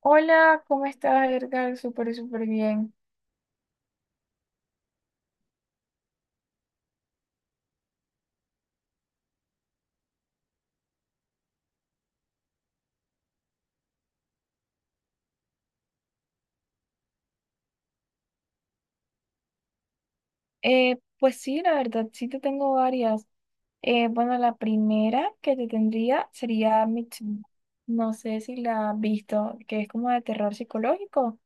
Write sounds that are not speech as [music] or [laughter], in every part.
Hola, ¿cómo estás, Edgar? Súper, súper bien. Pues sí, la verdad, sí te tengo varias. Bueno, la primera que te tendría sería Midsommar. No sé si la has visto, que es como de terror psicológico.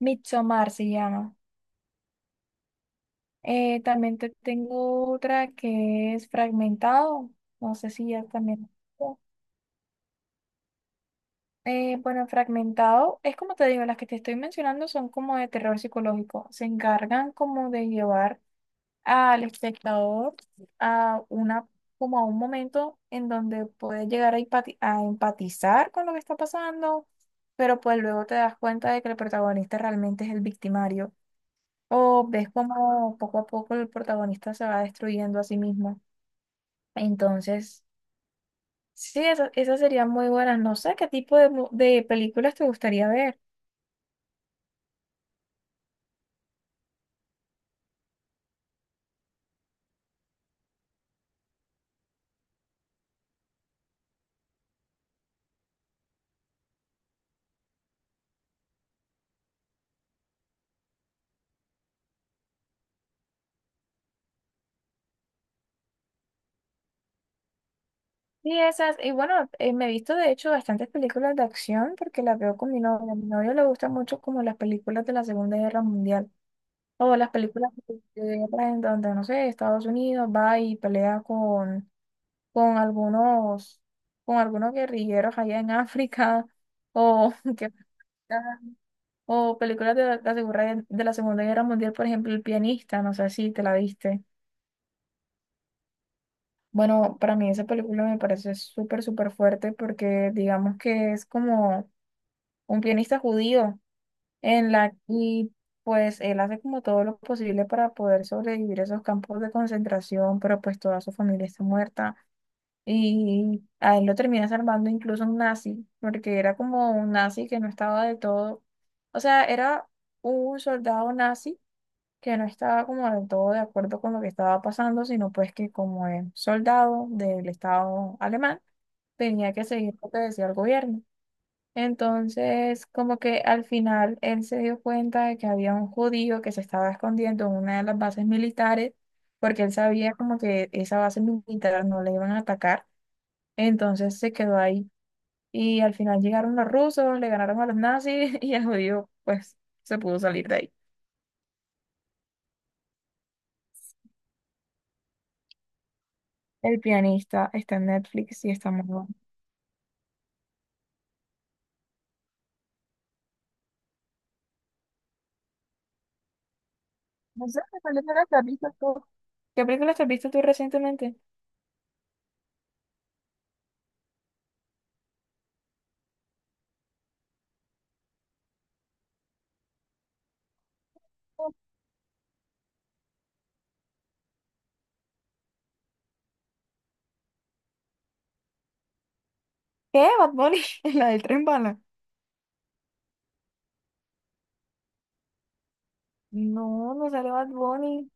Midsommar se llama. También te tengo otra que es Fragmentado. No sé si ya también. Bueno, Fragmentado es como te digo, las que te estoy mencionando son como de terror psicológico. Se encargan como de llevar al espectador a una como a un momento en donde puedes llegar a empatizar con lo que está pasando, pero pues luego te das cuenta de que el protagonista realmente es el victimario o ves como poco a poco el protagonista se va destruyendo a sí mismo. Entonces, sí, esas serían muy buenas. No sé qué tipo de películas te gustaría ver. Sí, esas, y bueno, me he visto de hecho bastantes películas de acción porque las veo con mi novio. A mi novio le gustan mucho como las películas de la Segunda Guerra Mundial o las películas de guerra en donde, no sé, Estados Unidos va y pelea con algunos, con algunos guerrilleros allá en África o, [laughs] o películas de la Segunda Guerra Mundial, por ejemplo, El Pianista, no sé si te la viste. Bueno, para mí esa película me parece súper, súper fuerte porque digamos que es como un pianista judío, en la y pues él hace como todo lo posible para poder sobrevivir a esos campos de concentración, pero pues toda su familia está muerta y a él lo termina salvando incluso un nazi, porque era como un nazi que no estaba de todo, o sea, era un soldado nazi que no estaba como del todo de acuerdo con lo que estaba pasando, sino pues que como es soldado del Estado alemán, tenía que seguir lo que decía el gobierno. Entonces, como que al final él se dio cuenta de que había un judío que se estaba escondiendo en una de las bases militares, porque él sabía como que esa base militar no le iban a atacar. Entonces se quedó ahí. Y al final llegaron los rusos, le ganaron a los nazis [laughs] y el judío pues se pudo salir de ahí. El Pianista está en Netflix y está muy bueno. No sé, ¿qué película te has visto tú? ¿Qué película te has visto tú recientemente? ¿Qué? Bad Bunny, [laughs] la del tren bala. No, no sale Bad Bunny.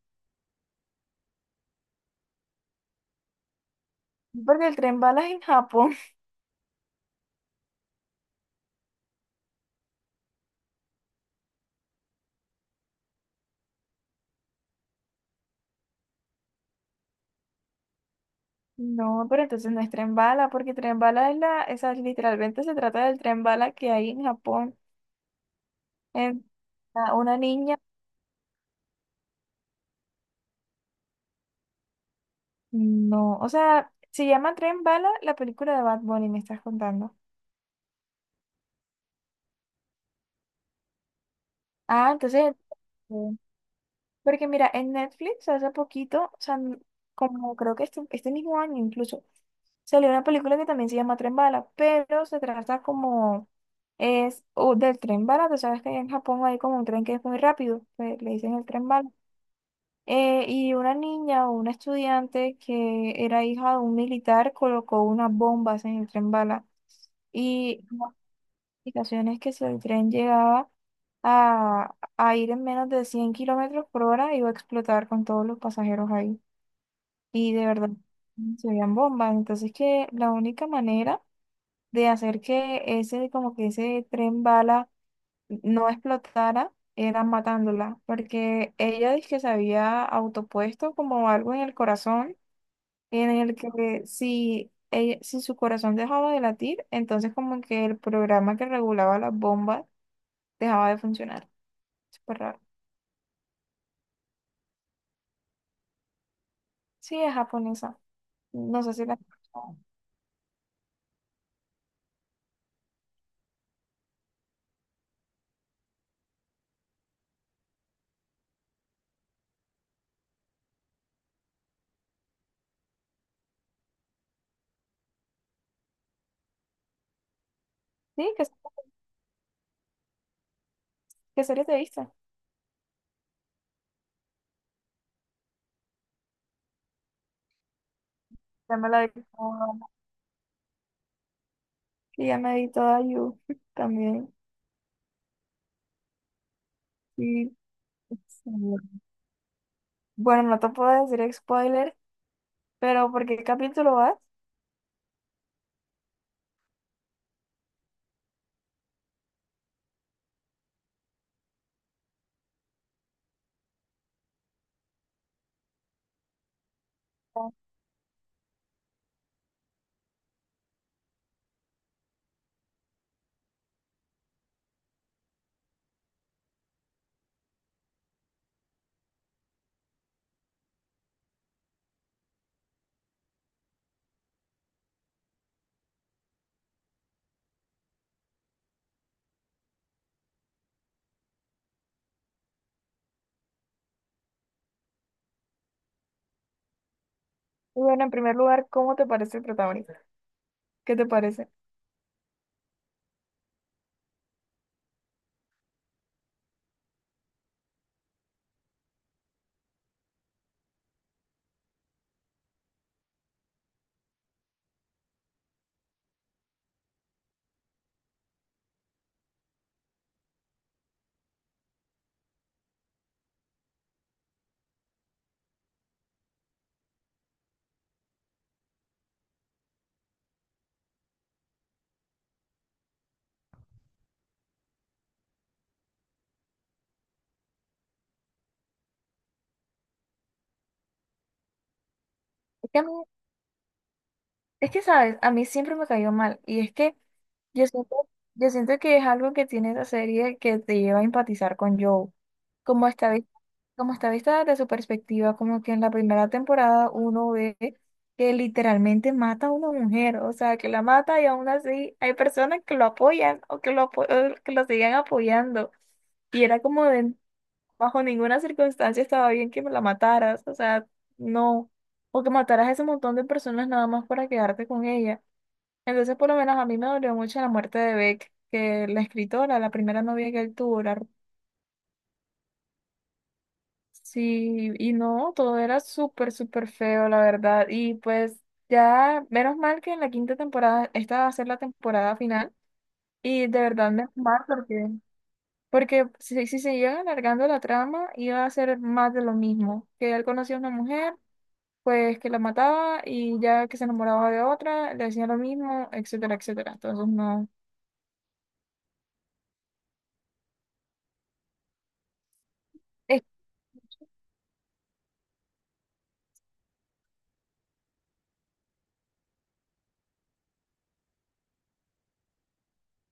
Porque el tren bala es en Japón. No, pero entonces no es tren bala, porque tren bala esa literalmente se trata del tren bala que hay en Japón. En a una niña, no, o sea, se llama Tren Bala la película de Bad Bunny, me estás contando. Ah, entonces. Porque mira, en Netflix hace poquito, o sea, como creo que este mismo año incluso, salió una película que también se llama Tren Bala, pero se trata como es o del tren bala, tú sabes que en Japón hay como un tren que es muy rápido, que le dicen el tren bala. Y una niña o una estudiante que era hija de un militar colocó unas bombas en el tren bala. Y Ocasiones que si el tren llegaba a ir en menos de 100 km/h, iba a explotar con todos los pasajeros ahí. Y de verdad, se veían bombas. Entonces que la única manera de hacer que ese, como que ese tren bala no explotara era matándola, porque ella dice que se había autopuesto como algo en el corazón, en el que si, si su corazón dejaba de latir, entonces como que el programa que regulaba las bombas dejaba de funcionar. Súper raro. Sí, es japonesa. No sé si la... Sí, ¿qué serie te viste? Ya me la vi toda. Sí, ya me vi toda You [laughs] también. Sí. Sí. Bueno, no te puedo decir spoiler, pero ¿por qué capítulo vas? Y bueno, en primer lugar, ¿cómo te parece el protagonista? ¿Qué te parece? Es que a mí Es que, ¿sabes? A mí siempre me cayó mal. Y es que yo siento, yo siento que es algo que tiene esa serie que te lleva a empatizar con Joe. Como está, vis- como está vista desde su perspectiva, como que en la primera temporada uno ve que literalmente mata a una mujer. O sea, que la mata y aún así hay personas que lo apoyan o que lo sigan apoyando. Y era como de, bajo ninguna circunstancia estaba bien que me la mataras, o sea, no, o que mataras a ese montón de personas nada más para quedarte con ella. Entonces, por lo menos a mí me dolió mucho la muerte de Beck, que la escritora, la primera novia que él tuvo, Sí, y no, todo era súper, súper feo, la verdad, y pues ya, menos mal que en la quinta temporada, esta va a ser la temporada final, y de verdad menos mal porque... Porque si se llega alargando la trama, iba a ser más de lo mismo, que él conoció a una mujer, pues que la mataba y ya que se enamoraba de otra, le decía lo mismo, etcétera, etcétera. Entonces no. Es-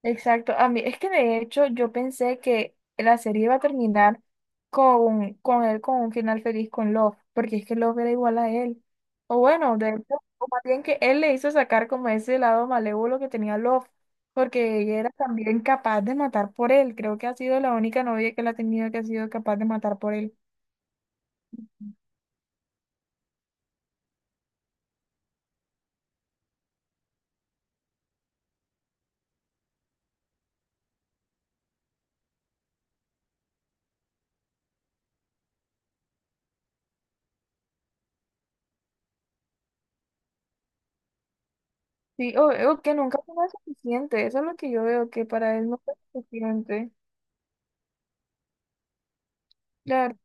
Exacto, a mí es que de hecho yo pensé que la serie iba a terminar con él con un final feliz con Love, porque es que Love era igual a él. O bueno, de hecho, o más bien que él le hizo sacar como ese lado malévolo que tenía Love, porque ella era también capaz de matar por él. Creo que ha sido la única novia que él ha tenido que ha sido capaz de matar por él. Sí, o que nunca fue suficiente, eso es lo que yo veo, que para él no fue suficiente. Claro,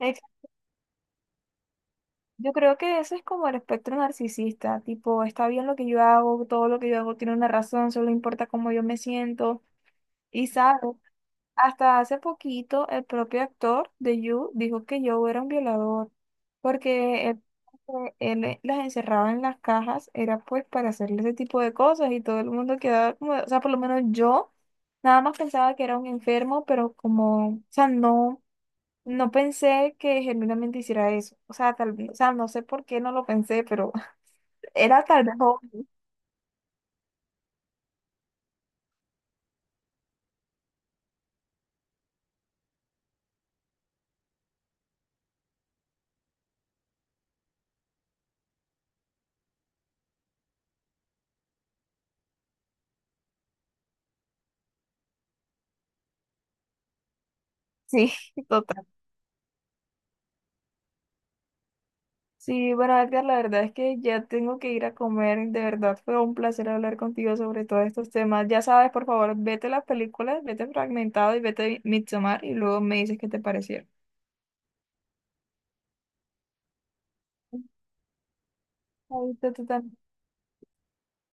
ex- yo creo que ese es como el espectro narcisista, tipo, está bien lo que yo hago, todo lo que yo hago tiene una razón, solo importa cómo yo me siento, y sabe. Hasta hace poquito, el propio actor de You dijo que Joe era un violador, porque él las encerraba en las cajas, era pues para hacerle ese tipo de cosas y todo el mundo quedaba como, o sea, por lo menos yo nada más pensaba que era un enfermo, pero como, o sea, no, no pensé que genuinamente hiciera eso. O sea, tal vez, o sea, no sé por qué no lo pensé, pero [laughs] era tal vez, joven. Sí, [laughs] total. Sí, bueno, Edgar, la verdad es que ya tengo que ir a comer. De verdad fue un placer hablar contigo sobre todos estos temas. Ya sabes, por favor, vete las películas, vete Fragmentado y vete Midsommar y luego me dices qué te parecieron. Ahorita tú también.